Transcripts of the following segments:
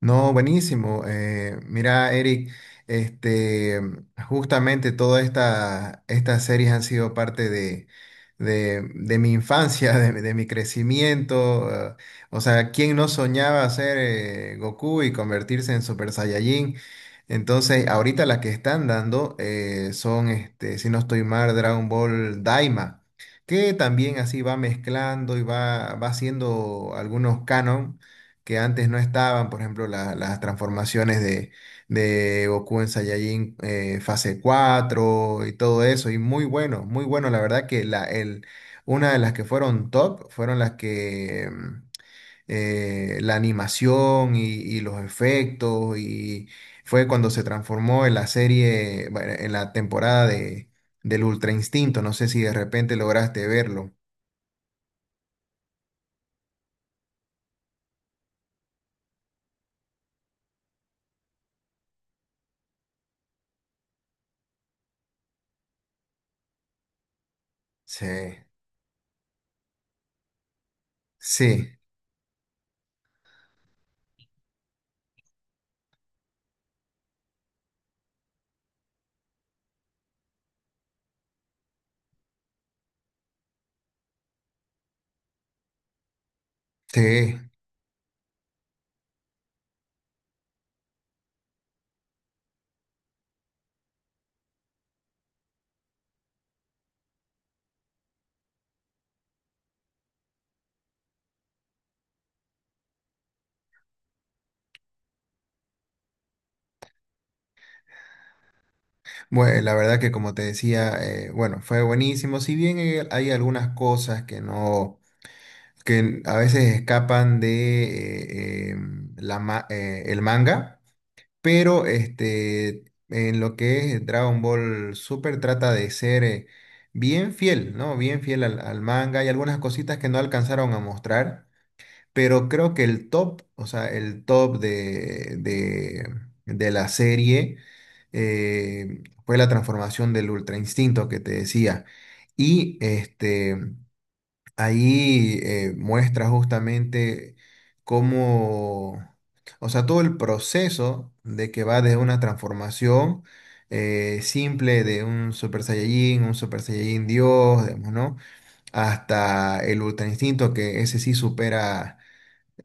No, buenísimo. Mira, Eric, este, justamente todas estas series han sido parte de mi infancia, de mi crecimiento. ¿Quién no soñaba ser Goku y convertirse en Super Saiyajin? Entonces, ahorita las que están dando son, si no estoy mal, Dragon Ball Daima, que también así va mezclando y va haciendo algunos canon que antes no estaban, por ejemplo, las transformaciones de Goku en Saiyajin fase 4 y todo eso, y muy bueno, muy bueno, la verdad que una de las que fueron top fueron las que la animación y los efectos, y fue cuando se transformó en la serie, bueno, en la temporada del Ultra Instinto, no sé si de repente lograste verlo. Sí, sí, sí. Bueno, la verdad que como te decía, bueno, fue buenísimo. Si bien hay algunas cosas que no, que a veces escapan de el manga, pero en lo que es Dragon Ball Super trata de ser bien fiel, ¿no? Bien fiel al manga. Hay algunas cositas que no alcanzaron a mostrar. Pero creo que el top, o sea, el top de la serie fue la transformación del Ultra Instinto que te decía. Y ahí muestra justamente cómo, o sea, todo el proceso de que va desde una transformación simple de un Super Saiyajin Dios, digamos, ¿no? Hasta el Ultra Instinto, que ese sí supera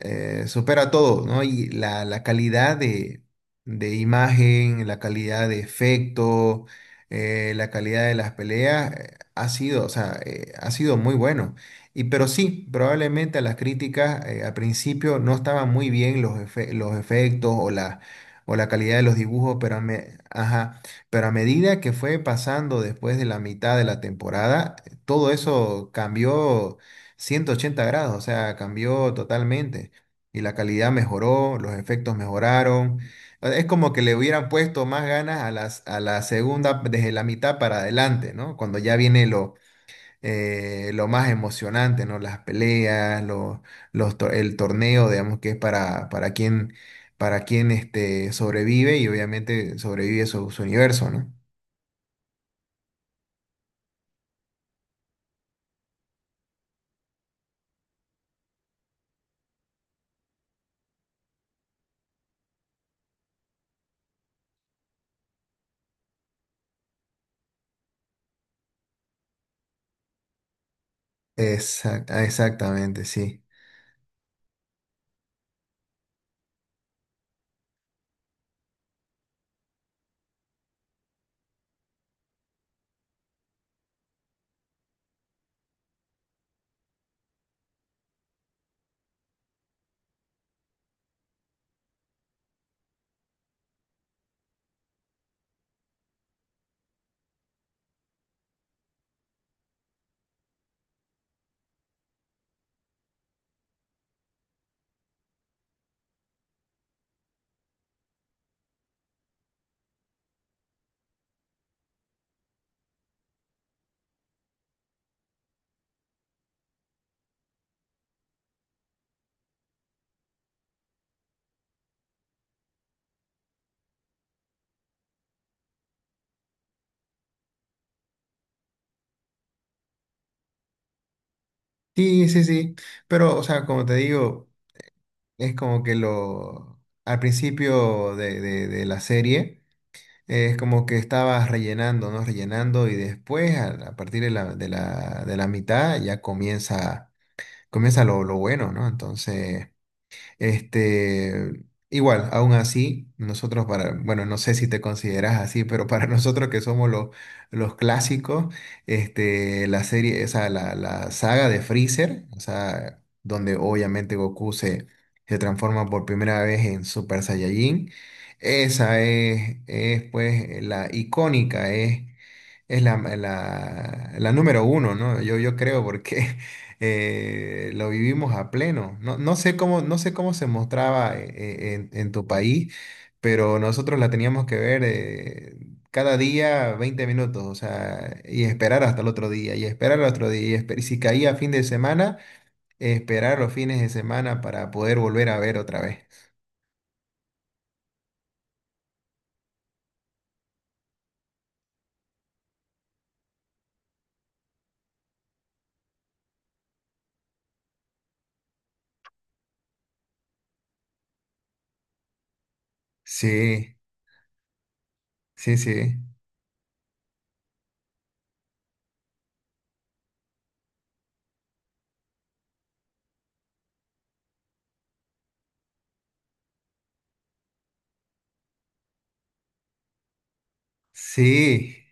supera todo, ¿no? Y la calidad de imagen, la calidad de efecto, la calidad de las peleas ha sido, o sea, ha sido muy bueno. Y pero sí, probablemente a las críticas al principio no estaban muy bien los efectos o o la calidad de los dibujos, pero ajá, pero a medida que fue pasando después de la mitad de la temporada, todo eso cambió 180 grados, o sea, cambió totalmente y la calidad mejoró, los efectos mejoraron. Es como que le hubieran puesto más ganas a a la segunda, desde la mitad para adelante, ¿no? Cuando ya viene lo más emocionante, ¿no? Las peleas, el torneo, digamos, que es para, para quien sobrevive y obviamente sobrevive su universo, ¿no? Exactamente, sí. Sí, sí, sí. Pero, o sea, como te digo. Es como que lo, al principio de la serie, es como que estabas rellenando, ¿no? Rellenando y después, a partir de la mitad, ya comienza, comienza lo bueno, ¿no? Entonces... Este, igual, aún así, nosotros para, bueno, no sé si te consideras así, pero para nosotros que somos los clásicos, la serie, o sea, la saga de Freezer, o sea, donde obviamente se transforma por primera vez en Super Saiyajin, esa es pues la icónica, es. Es la número uno, ¿no? Yo creo porque lo vivimos a pleno. No, no sé cómo, no sé cómo se mostraba en tu país, pero nosotros la teníamos que ver cada día 20 minutos, o sea, y esperar hasta el otro día, y esperar al otro día, y si caía fin de semana, esperar los fines de semana para poder volver a ver otra vez. Sí, sí, sí, sí,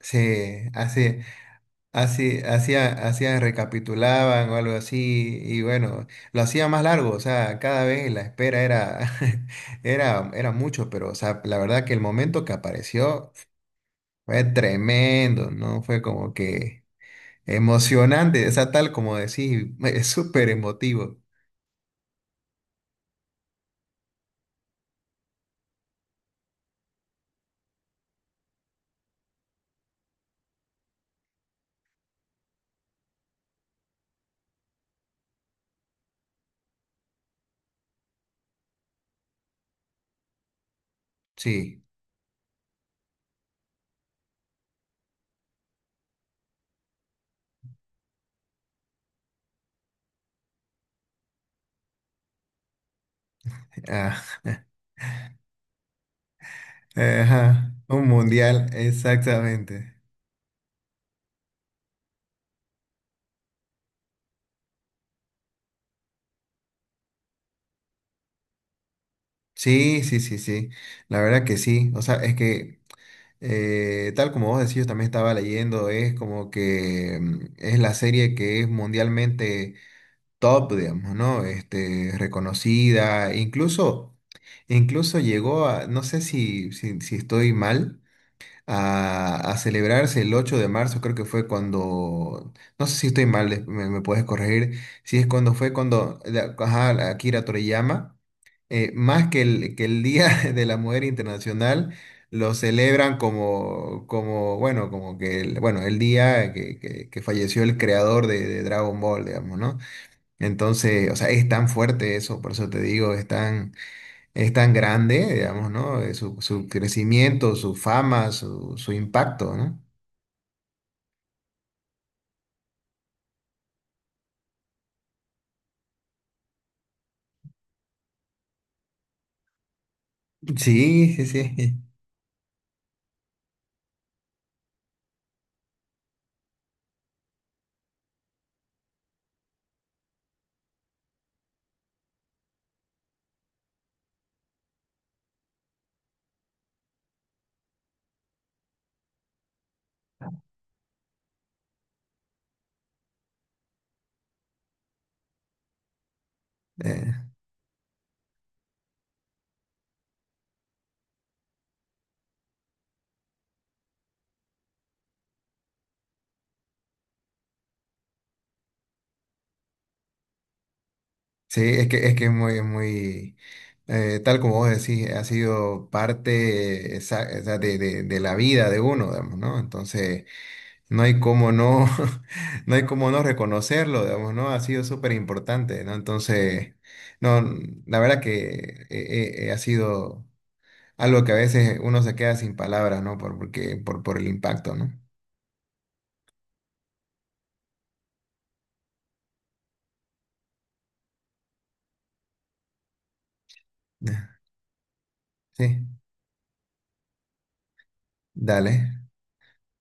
sí, así. Así, hacía, recapitulaban o algo así, y bueno, lo hacía más largo, o sea, cada vez la espera era, era mucho, pero o sea, la verdad que el momento que apareció fue tremendo, ¿no? Fue como que emocionante, o sea, tal como decís, es súper emotivo. Sí, ah, ajá, un mundial, exactamente. Sí, sí, sí, sí, la verdad que sí, o sea, es que tal como vos decís, yo también estaba leyendo, es como que es la serie que es mundialmente top, digamos, ¿no? Reconocida, incluso, incluso llegó a, no sé si estoy mal, a celebrarse el 8 de marzo, creo que fue cuando, no sé si estoy mal, me puedes corregir, si es cuando fue cuando ajá, la Akira Toriyama, más que que el Día de la Mujer Internacional, lo celebran como, como bueno, como que, el, bueno, el día que falleció el creador de Dragon Ball, digamos, ¿no? Entonces, o sea, es tan fuerte eso, por eso te digo, es tan grande, digamos, ¿no? Su crecimiento, su fama, su impacto, ¿no? Sí, sí, sí. Eh, sí, es muy, muy, tal como vos decís, ha sido parte esa de la vida de uno, digamos, ¿no? Entonces, no hay cómo no, no hay cómo no reconocerlo, digamos, ¿no? Ha sido súper importante, ¿no? Entonces, no, la verdad que ha sido. Algo que a veces uno se queda sin palabras, ¿no? Por el impacto, ¿no? Ya, sí, dale,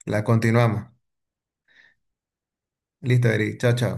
la continuamos. Listo, Eric, chao, chao.